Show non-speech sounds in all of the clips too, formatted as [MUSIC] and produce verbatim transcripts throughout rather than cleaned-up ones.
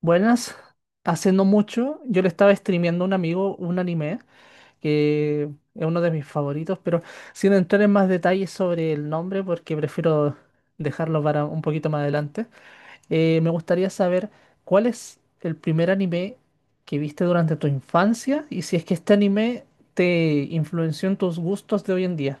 Buenas, hace no mucho yo le estaba streameando a un amigo un anime que es uno de mis favoritos, pero sin entrar en más detalles sobre el nombre porque prefiero dejarlo para un poquito más adelante, eh, me gustaría saber cuál es el primer anime que viste durante tu infancia y si es que este anime te influenció en tus gustos de hoy en día,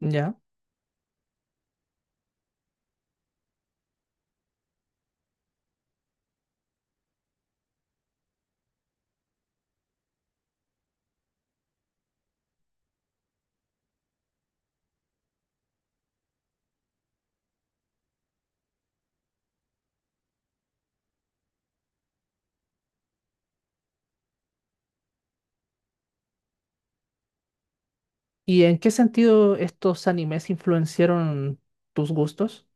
¿ya? ¿Y en qué sentido estos animes influenciaron tus gustos?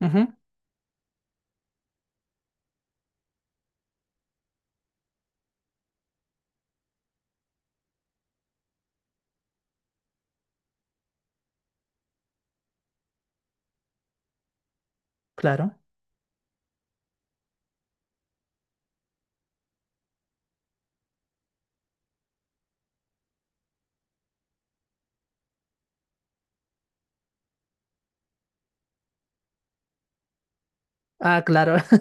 Ujú, claro. Ah, claro. [LAUGHS]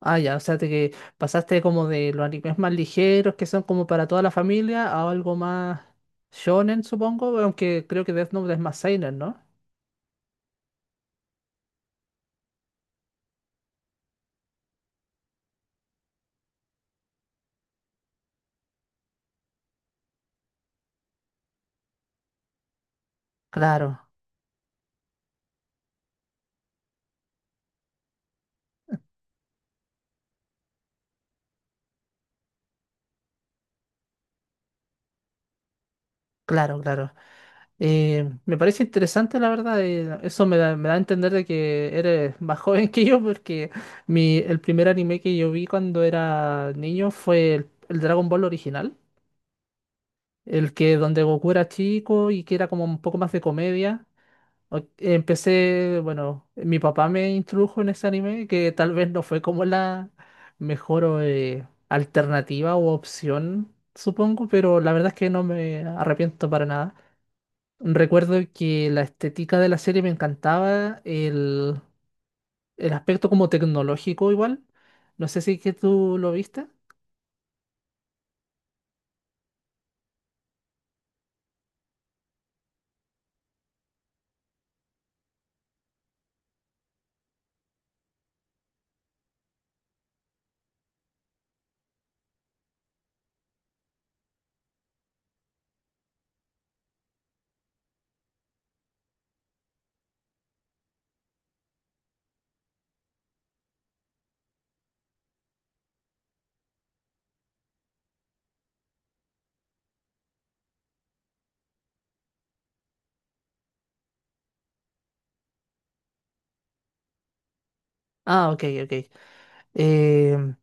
Ah, ya, o sea, te que pasaste como de los animes más ligeros que son como para toda la familia a algo más shonen, supongo, aunque creo que Death Note es más seinen, ¿no? Claro, claro, claro. Eh, me parece interesante, la verdad. Eh, eso me da, me da a entender de que eres más [LAUGHS] joven que yo, porque mi, el primer anime que yo vi cuando era niño fue el, el Dragon Ball original, el que donde Goku era chico y que era como un poco más de comedia. O- Empecé, bueno, mi papá me introdujo en ese anime que tal vez no fue como la mejor eh, alternativa o opción, supongo, pero la verdad es que no me arrepiento para nada. Recuerdo que la estética de la serie me encantaba, el, el aspecto como tecnológico igual. No sé si que tú lo viste. Ah, ok, ok. Em,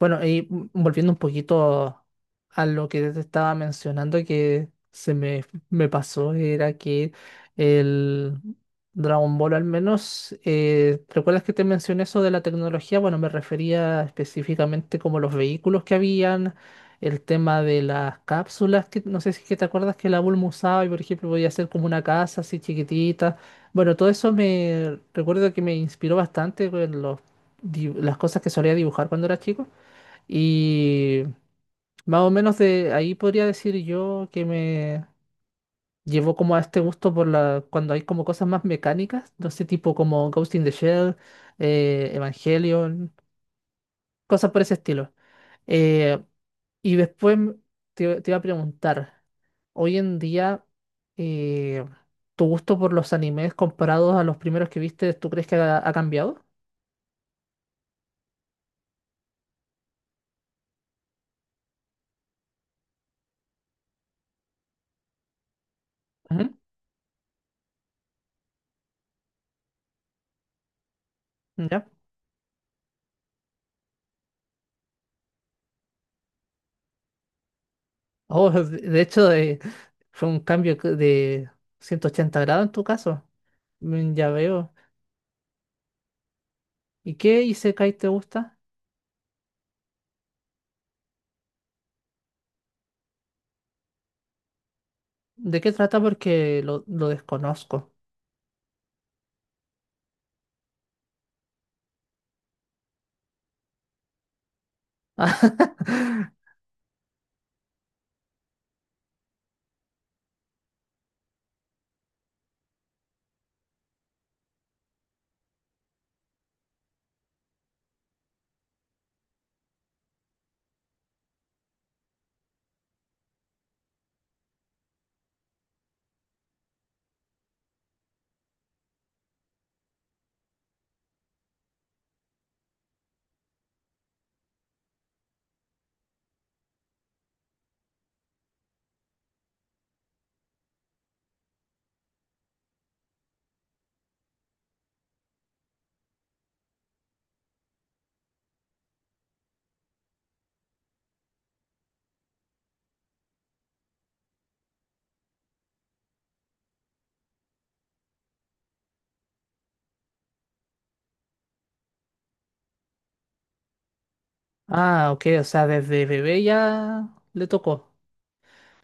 Bueno, y mm, volviendo un poquito a lo que te estaba mencionando que se me, me pasó, era que el Dragon Ball al menos, eh, ¿recuerdas que te mencioné eso de la tecnología? Bueno, me refería específicamente como los vehículos que habían, el tema de las cápsulas, que no sé si es que te acuerdas que la Bulma usaba y por ejemplo podía hacer como una casa así chiquitita. Bueno, todo eso me recuerdo que me inspiró bastante con los, di- las cosas que solía dibujar cuando era chico. Y más o menos de ahí podría decir yo que me llevó como a este gusto por la cuando hay como cosas más mecánicas, no sé, tipo como Ghost in the Shell, eh, Evangelion, cosas por ese estilo. Eh, y después m- te, Te iba a preguntar, hoy en día, eh, ¿tu gusto por los animes comparados a los primeros que viste, tú crees que ha, ha cambiado? Ujú. ¿Ya? Oh, [LAUGHS] de de hecho, eh, fue un cambio que- de ciento ochenta grados en tu caso. Mm, ya veo. ¿Y qué Isekai te gusta? ¿De qué trata? Porque lo, lo desconozco. [LAUGHS] Ah, ok, o sea, desde bebé ya le tocó.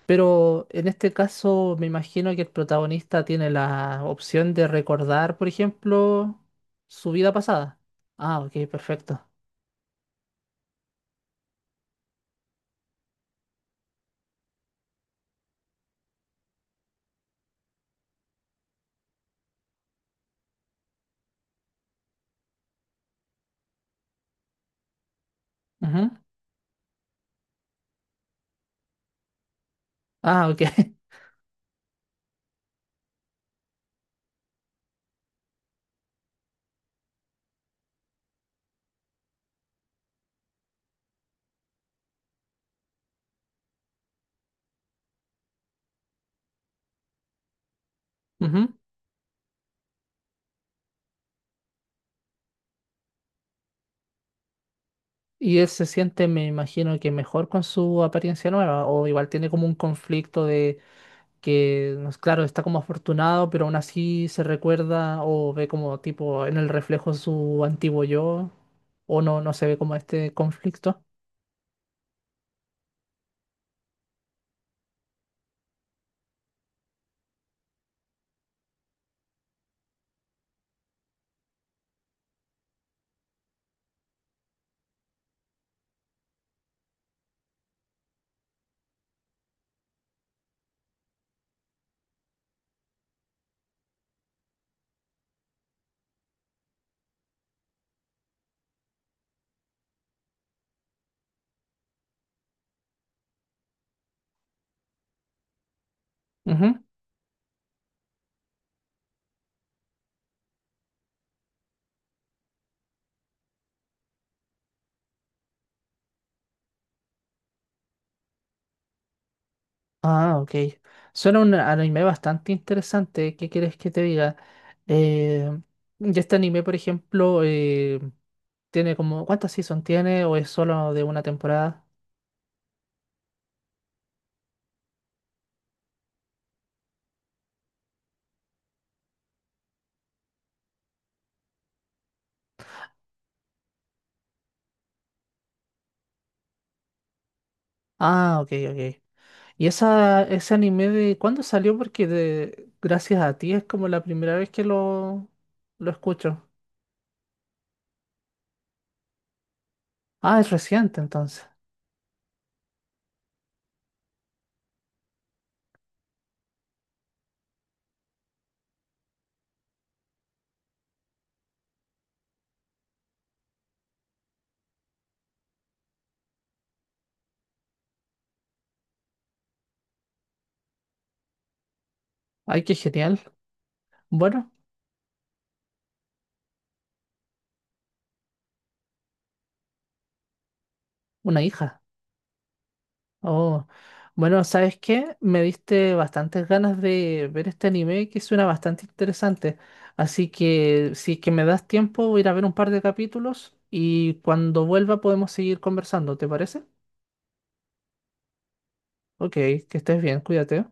Pero en este caso me imagino que el protagonista tiene la opción de recordar, por ejemplo, su vida pasada. Ah, ok, perfecto. Ujú. Ah, ok. [LAUGHS] Ujú. Y él se siente, me imagino que mejor con su apariencia nueva, o igual tiene como un conflicto de... que, no es- claro, está como afortunado, pero aún así se recuerda o ve como tipo en el reflejo su antiguo yo, o no, no se ve como este conflicto. Ujú. Ah, ok. Suena un anime bastante interesante. ¿Qué quieres que te diga? Eh, y este anime, por ejemplo, eh, tiene como, ¿cuántas seasons tiene o es solo de una temporada? Ah, ok, ok. ¿Y esa, ¿ese anime de cuándo salió? Porque de, gracias a ti es como la primera vez que lo, lo escucho. Ah, es reciente entonces. Ay, qué genial. Bueno, una hija. Oh, bueno, ¿sabes qué? Me diste bastantes ganas de ver este anime que suena bastante interesante. Así que si es que me das tiempo, voy a ir a ver un par de capítulos y cuando vuelva podemos seguir conversando, ¿te parece? Ok, que estés bien, cuídate.